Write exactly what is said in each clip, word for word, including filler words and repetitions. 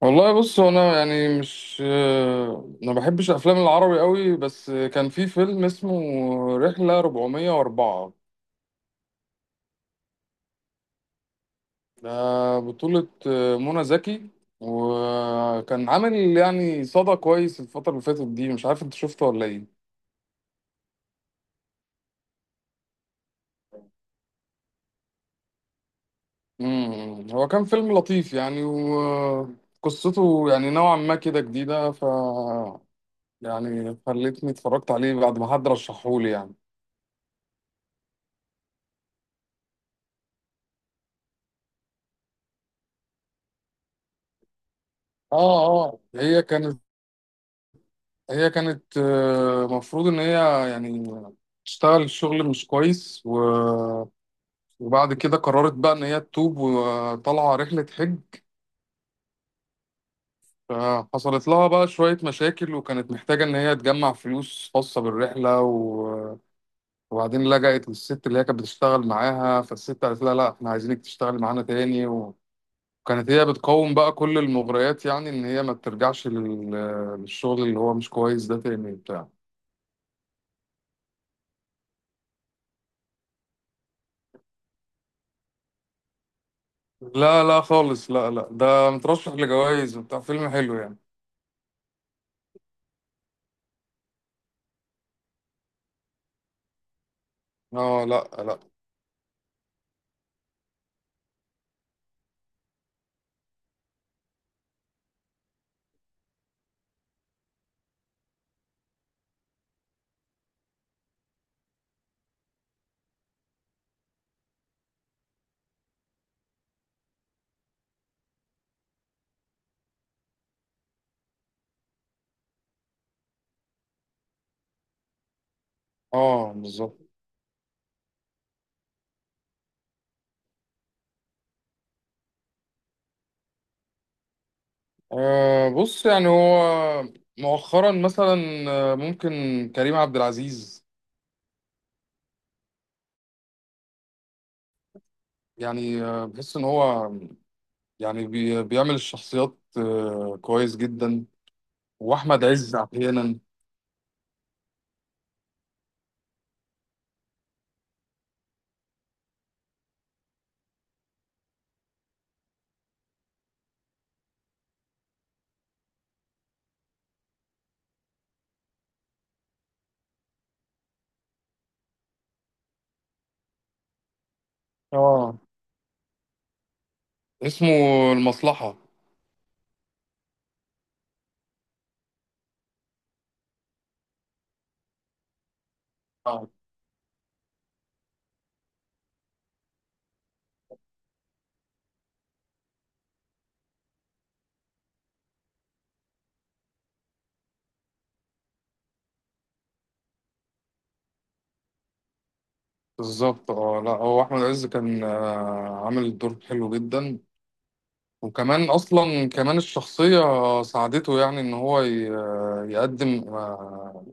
والله بص هو انا يعني مش آه، ما بحبش افلام العربي قوي، بس كان في فيلم اسمه رحلة أربعمية واربعة. ده بطولة آه، منى زكي، وكان عامل يعني صدى كويس الفترة اللي فاتت دي. مش عارف انت شفته ولا ايه؟ امم هو كان فيلم لطيف يعني، وقصته يعني نوعا ما كده جديدة، ف يعني خلتني اتفرجت عليه بعد ما حد رشحهولي يعني. اه اه هي كانت، هي كانت آه، مفروض ان هي يعني تشتغل شغل مش كويس، و- وبعد كده قررت بقى ان هي تتوب وطالعه رحله حج. فحصلت لها بقى شويه مشاكل، وكانت محتاجه ان هي تجمع فلوس خاصه بالرحله، و- وبعدين لجأت للست اللي هي كانت بتشتغل معاها. فالست قالت لها لا احنا عايزينك تشتغلي معانا تاني، وكانت هي بتقاوم بقى كل المغريات يعني، ان هي ما ترجعش لل- للشغل اللي هو مش كويس ده تاني بتاع. لا لا خالص، لا لا، ده مترشح لجوائز وبتاع، فيلم حلو يعني. اه لا لا. اه بالظبط. آه بص يعني هو مؤخرا مثلا آه، ممكن كريم عبد العزيز يعني. آه، بحس ان هو يعني بي بيعمل الشخصيات آه كويس جدا، واحمد عز احيانا. اه، اسمه المصلحة. اه بالظبط. اه لا هو احمد عز كان آه عامل الدور حلو جدا، وكمان اصلا كمان الشخصيه ساعدته يعني ان هو ي- يقدم آه،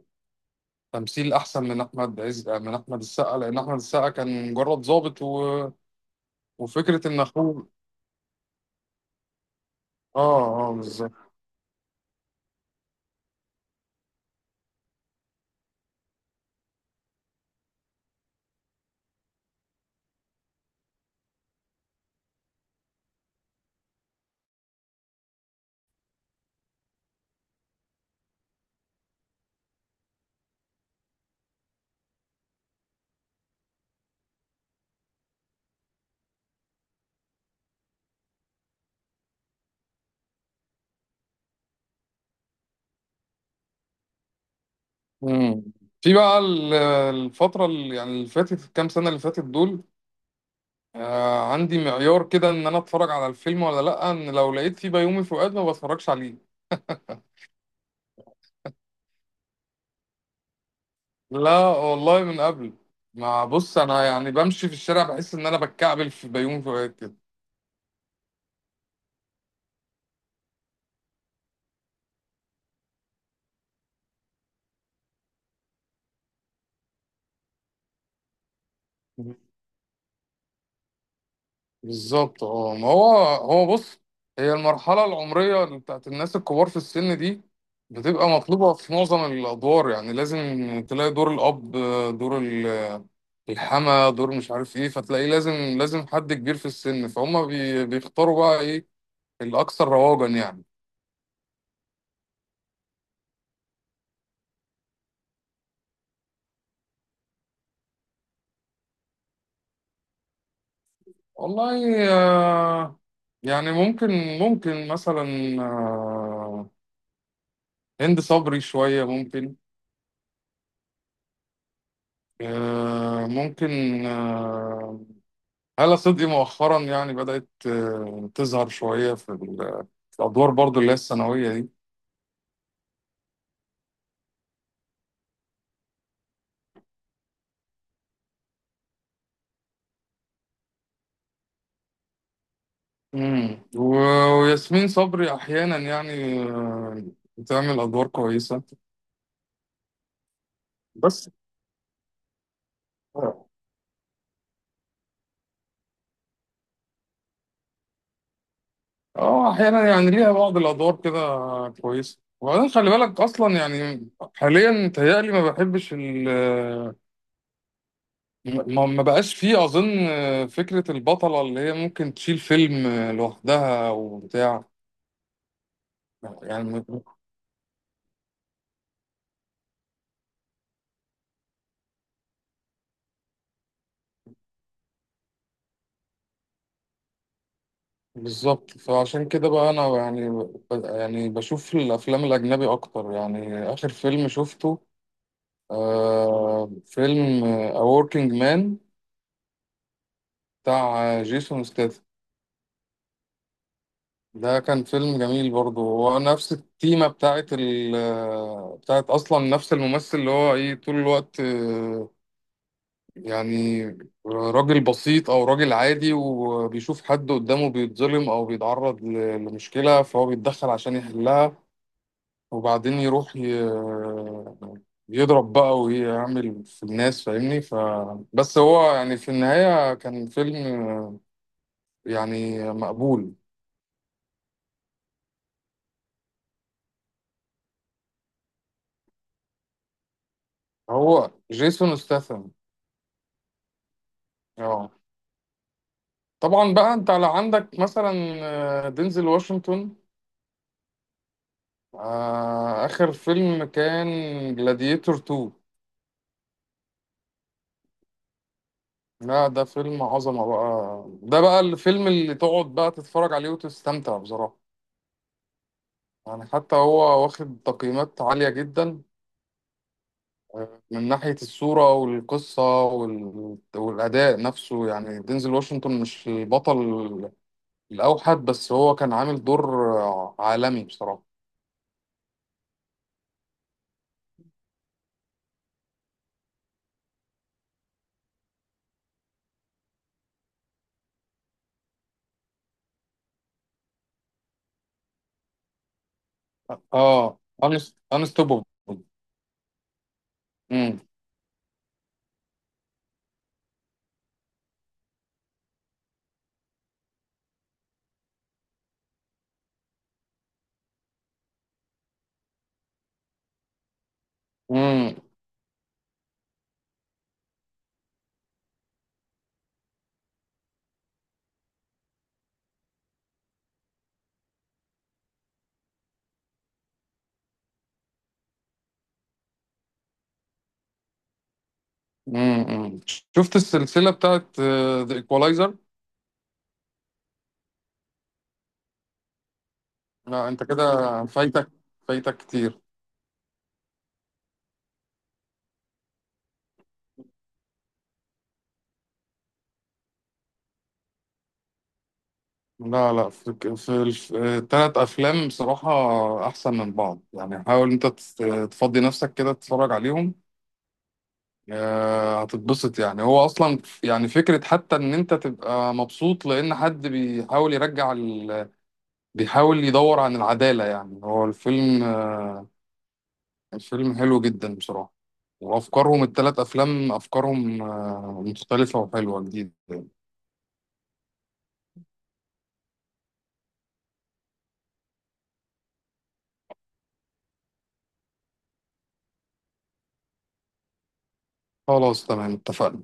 تمثيل احسن من احمد عز آه، من احمد السقا، لان احمد السقا كان مجرد ضابط و... وفكره ان اخوه. اه اه بالظبط. مم. في بقى ال- الفتره اللي يعني اللي فاتت، الكام سنه اللي فاتت دول، آه عندي معيار كده ان انا اتفرج على الفيلم ولا لا، ان لو لقيت فيه بيومي فؤاد ما بتفرجش عليه. لا والله من قبل. ما بص انا يعني بمشي في الشارع بحس ان انا بتكعبل في بيومي فؤاد كده. بالظبط اه، ما هو هو بص، هي المرحلة العمرية اللي بتاعت الناس الكبار في السن دي بتبقى مطلوبة في معظم الأدوار، يعني لازم تلاقي دور الأب، دور ال- الحما، دور مش عارف إيه، فتلاقيه لازم، لازم حد كبير في السن، فهم بي بيختاروا بقى إيه الأكثر رواجا يعني. والله آه، يعني ممكن ممكن مثلا، آه، هند صبري شوية ممكن، آه، ممكن آه، هالة صدقي مؤخرا يعني بدأت آه، تظهر شوية في ال- في الأدوار برضو اللي هي الثانوية دي. مم. و- وياسمين صبري أحيانا يعني آه، بتعمل أدوار كويسة، بس اه. آه، أحيانا يعني ليها بعض الأدوار كده كويسة، وبعدين خلي بالك أصلا يعني حاليا متهيألي ما بحبش ال آه، ما ما بقاش فيه أظن آه، فكرة البطلة اللي هي ممكن تشيل فيلم آه، لوحدها وبتاع يعني. بالظبط، فعشان كده بقى انا يعني، ب- يعني بشوف الافلام الاجنبي اكتر يعني. اخر فيلم شفته آه فيلم A Working Man، بتاع جيسون ستاثام. ده كان فيلم جميل برضه، هو نفس التيمة بتاعت ال بتاعت اصلا، نفس الممثل اللي هو ايه طول الوقت آه، يعني راجل بسيط او راجل عادي، وبيشوف حد قدامه بيتظلم او بيتعرض ل- لمشكلة، فهو بيتدخل عشان يحلها، وبعدين يروح ي... يضرب بقى ويعمل في الناس فاهمني. ف بس هو يعني في النهاية كان فيلم يعني مقبول. هو جيسون ستاثام. اه طبعا بقى انت على عندك مثلا آه، دينزل واشنطن. آه، آخر فيلم كان جلاديتور اتنين. لا ده فيلم عظمة بقى، ده بقى الفيلم اللي تقعد بقى تتفرج عليه وتستمتع بصراحة. يعني حتى هو واخد تقييمات عالية جدا من ناحية الصورة والقصة وال... والأداء نفسه. يعني دينزل واشنطن مش البطل الأوحد، بس هو كان عامل دور عالمي بصراحة. اه انستوببل. امم امم امم شفت السلسلة بتاعت ذا ايكوالايزر؟ لا انت كده فايتك، فايتك كتير. لا لا، في في الثلاث افلام بصراحة احسن من بعض يعني. حاول انت تس- تفضي نفسك كده تتفرج عليهم، آه، هتتبسط يعني. هو اصلا ف- يعني فكره حتى ان انت تبقى مبسوط، لان حد بيحاول يرجع ال... بيحاول يدور عن العداله، يعني هو الفيلم آه، الفيلم حلو جدا بصراحه. وافكارهم الثلاث افلام، افكارهم آه، مختلفه وحلوه جديده. خلاص تمام اتفقنا.